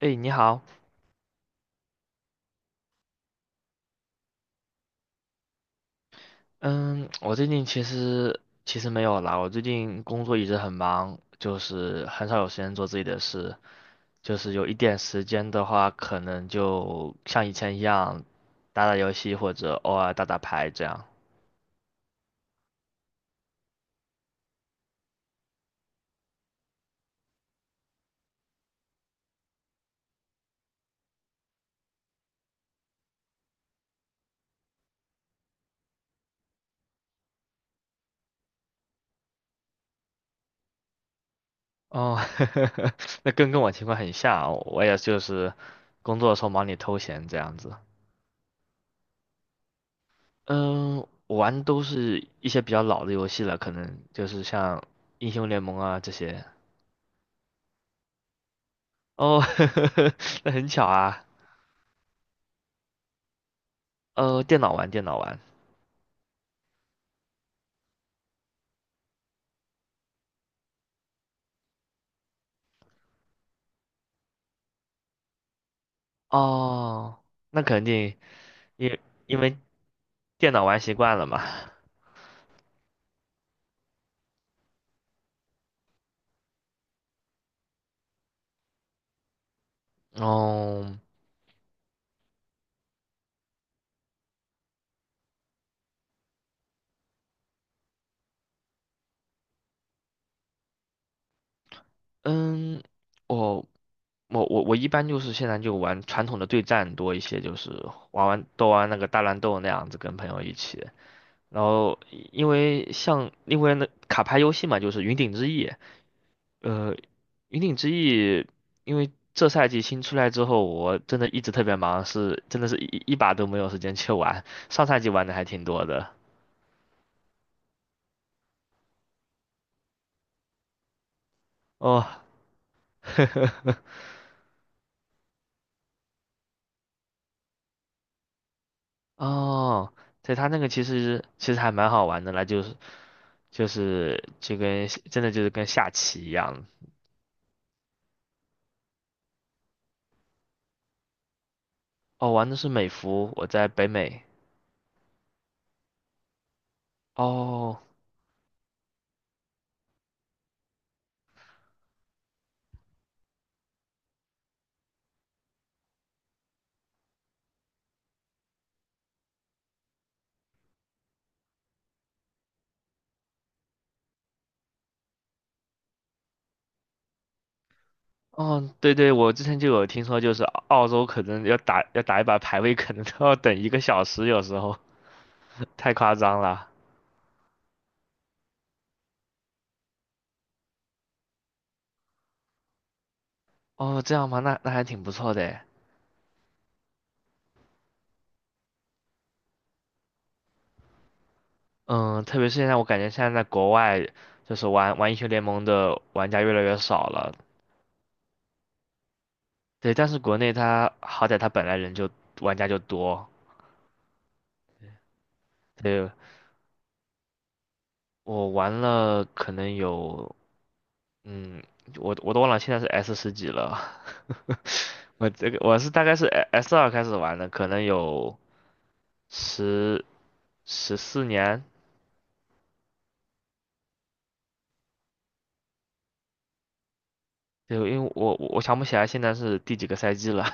哎，你好。嗯，我最近其实没有啦，我最近工作一直很忙，就是很少有时间做自己的事，就是有一点时间的话，可能就像以前一样，打打游戏或者偶尔打打牌这样。哦，那跟我情况很像，我也就是工作的时候忙里偷闲这样子。嗯，我玩都是一些比较老的游戏了，可能就是像英雄联盟啊这些。哦，那很巧啊。电脑玩，电脑玩。哦，那肯定，因因为电脑玩习惯了嘛。哦，嗯，我我一般就是现在就玩传统的对战多一些，就是都玩那个大乱斗那样子，跟朋友一起。然后因为那卡牌游戏嘛，就是云顶之弈，呃，云顶之弈，因为这赛季新出来之后，我真的一直特别忙，是真的是一把都没有时间去玩。上赛季玩的还挺多的。哦，哦，对，他那个其实还蛮好玩的啦，就是就跟真的就是跟下棋一样。哦，玩的是美服，我在北美。哦。哦，对对，我之前就有听说，就是澳洲可能要打一把排位，可能都要等一个小时，有时候 太夸张了。哦，这样吗？那那还挺不错的诶。嗯，特别是现在，我感觉现在在国外，就是玩英雄联盟的玩家越来越少了。对，但是国内它好歹它本来玩家就多。对，我玩了可能有，嗯，我都忘了现在是 S 十几了。我这个我是大概是 S 二开始玩的，可能有十十四年。对，因为我想不起来现在是第几个赛季了，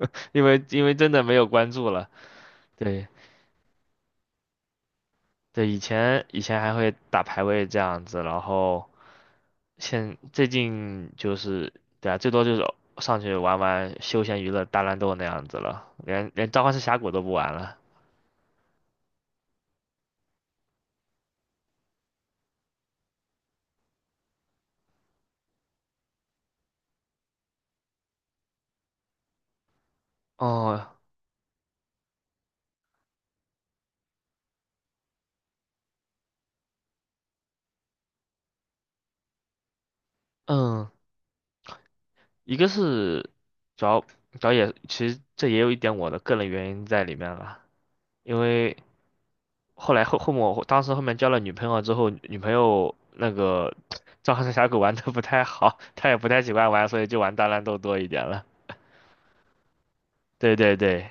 因为真的没有关注了。对。对，以前还会打排位这样子，然后现最近就是对啊，最多就是上去玩玩休闲娱乐大乱斗那样子了，连召唤师峡谷都不玩了。哦，嗯，一个是主要，也其实这也有一点我的个人原因在里面了，因为后来后后面我当时后面交了女朋友之后，女朋友那个召唤师峡谷玩的不太好，她也不太喜欢玩，所以就玩大乱斗多一点了。对对对。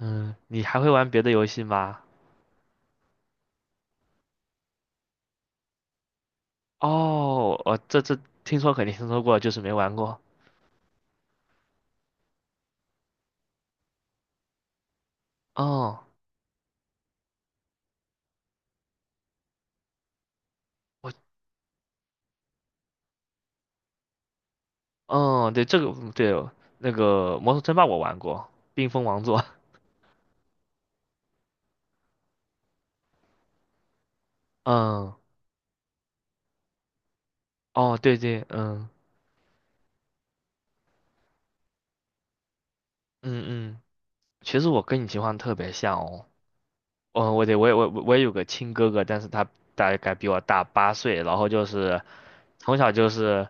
嗯，你还会玩别的游戏吗？哦，我这这听说肯定听说过，就是没玩过。哦，我哦，对这个那个《魔兽争霸》我玩过，《冰封王座》。嗯，哦，对对，嗯嗯，其实我跟你情况特别像哦。嗯，我也我我也有个亲哥哥，但是他大概比我大八岁，然后就是从小就是，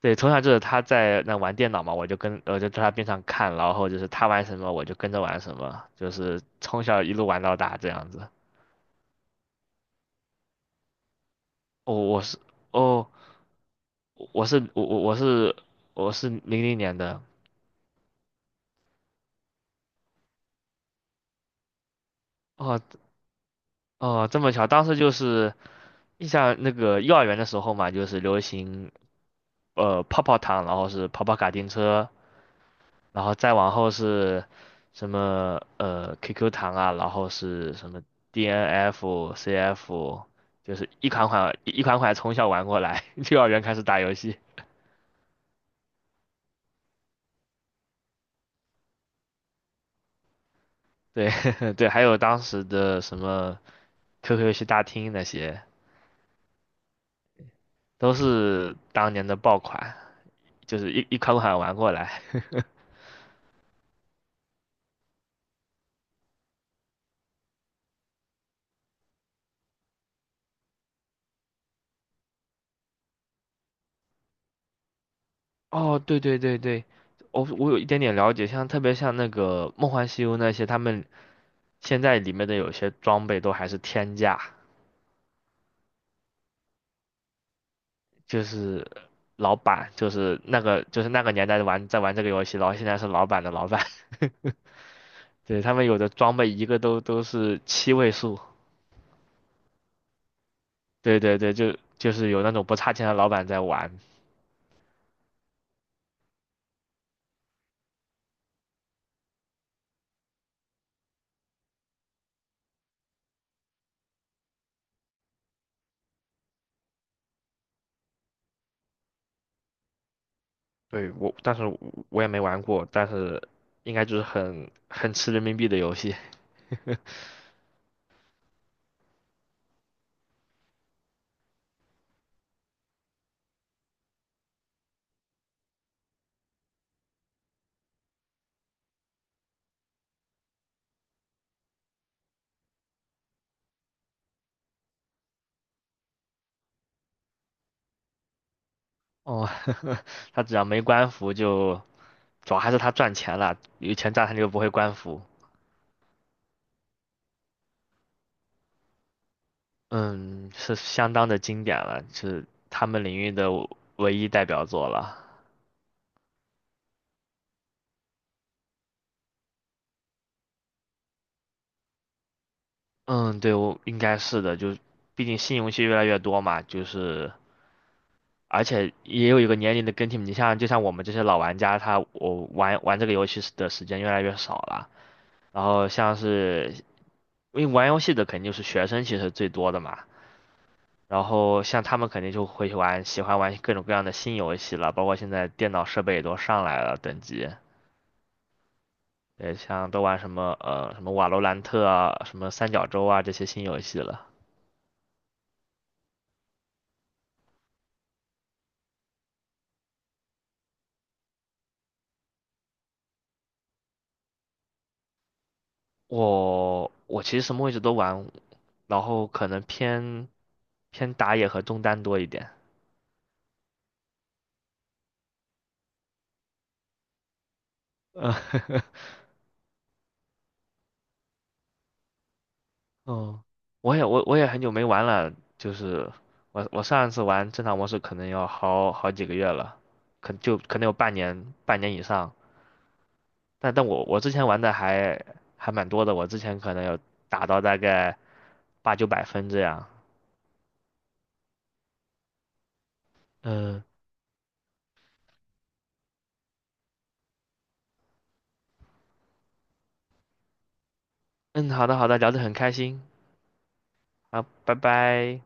对，从小就是他在那玩电脑嘛，跟我就在他边上看，然后就是他玩什么我就跟着玩什么，就是从小一路玩到大这样子。哦，我是哦，我是我我我是我是零零年的。哦。哦，这么巧，当时就是印象那个幼儿园的时候嘛，就是流行泡泡糖，然后是跑跑卡丁车。然后再往后是什么QQ 糖啊，然后是什么 DNF、CF,就是一款款从小玩过来，幼儿园开始打游戏。对 对，还有当时的什么 QQ 游戏大厅那些，都是当年的爆款，就是一一款款玩过来。哦，对对对对，我我有一点点了解，像特别像那个《梦幻西游》那些，他们现在里面的有些装备都还是天价。就是老板，就是那个年代玩这个游戏，然后现在是老板的老板，对，他们有的装备一个都是七位数，对对对，就是有那种不差钱的老板在玩，对我，但是我我也没玩过，但是应该就是很吃人民币的游戏，哦，他只要没官服就。主要还是他赚钱了，有钱赚他就不会官服。嗯，是相当的经典了，是他们领域的唯一代表作了。嗯，对，我应该是的，就毕竟新游戏越来越多嘛，而且也有一个年龄的更替，你像就像我们这些老玩家，我玩这个游戏的时间越来越少了，然后因为玩游戏的肯定就是学生其实最多的嘛，然后像他们肯定就会喜欢玩各种各样的新游戏了，包括现在电脑设备也都上来了等级，对，像都玩什么瓦罗兰特啊，什么三角洲啊这些新游戏了。我其实什么位置都玩，然后可能偏打野和中单多一点。嗯，哦，我也也很久没玩了，就是我上一次玩正常模式可能要好几个月了，就可能有半年，半年以上。但我之前玩的还蛮多的，我之前可能有打到大概八九百分这样。嗯嗯，好的好的，聊得很开心啊，拜拜。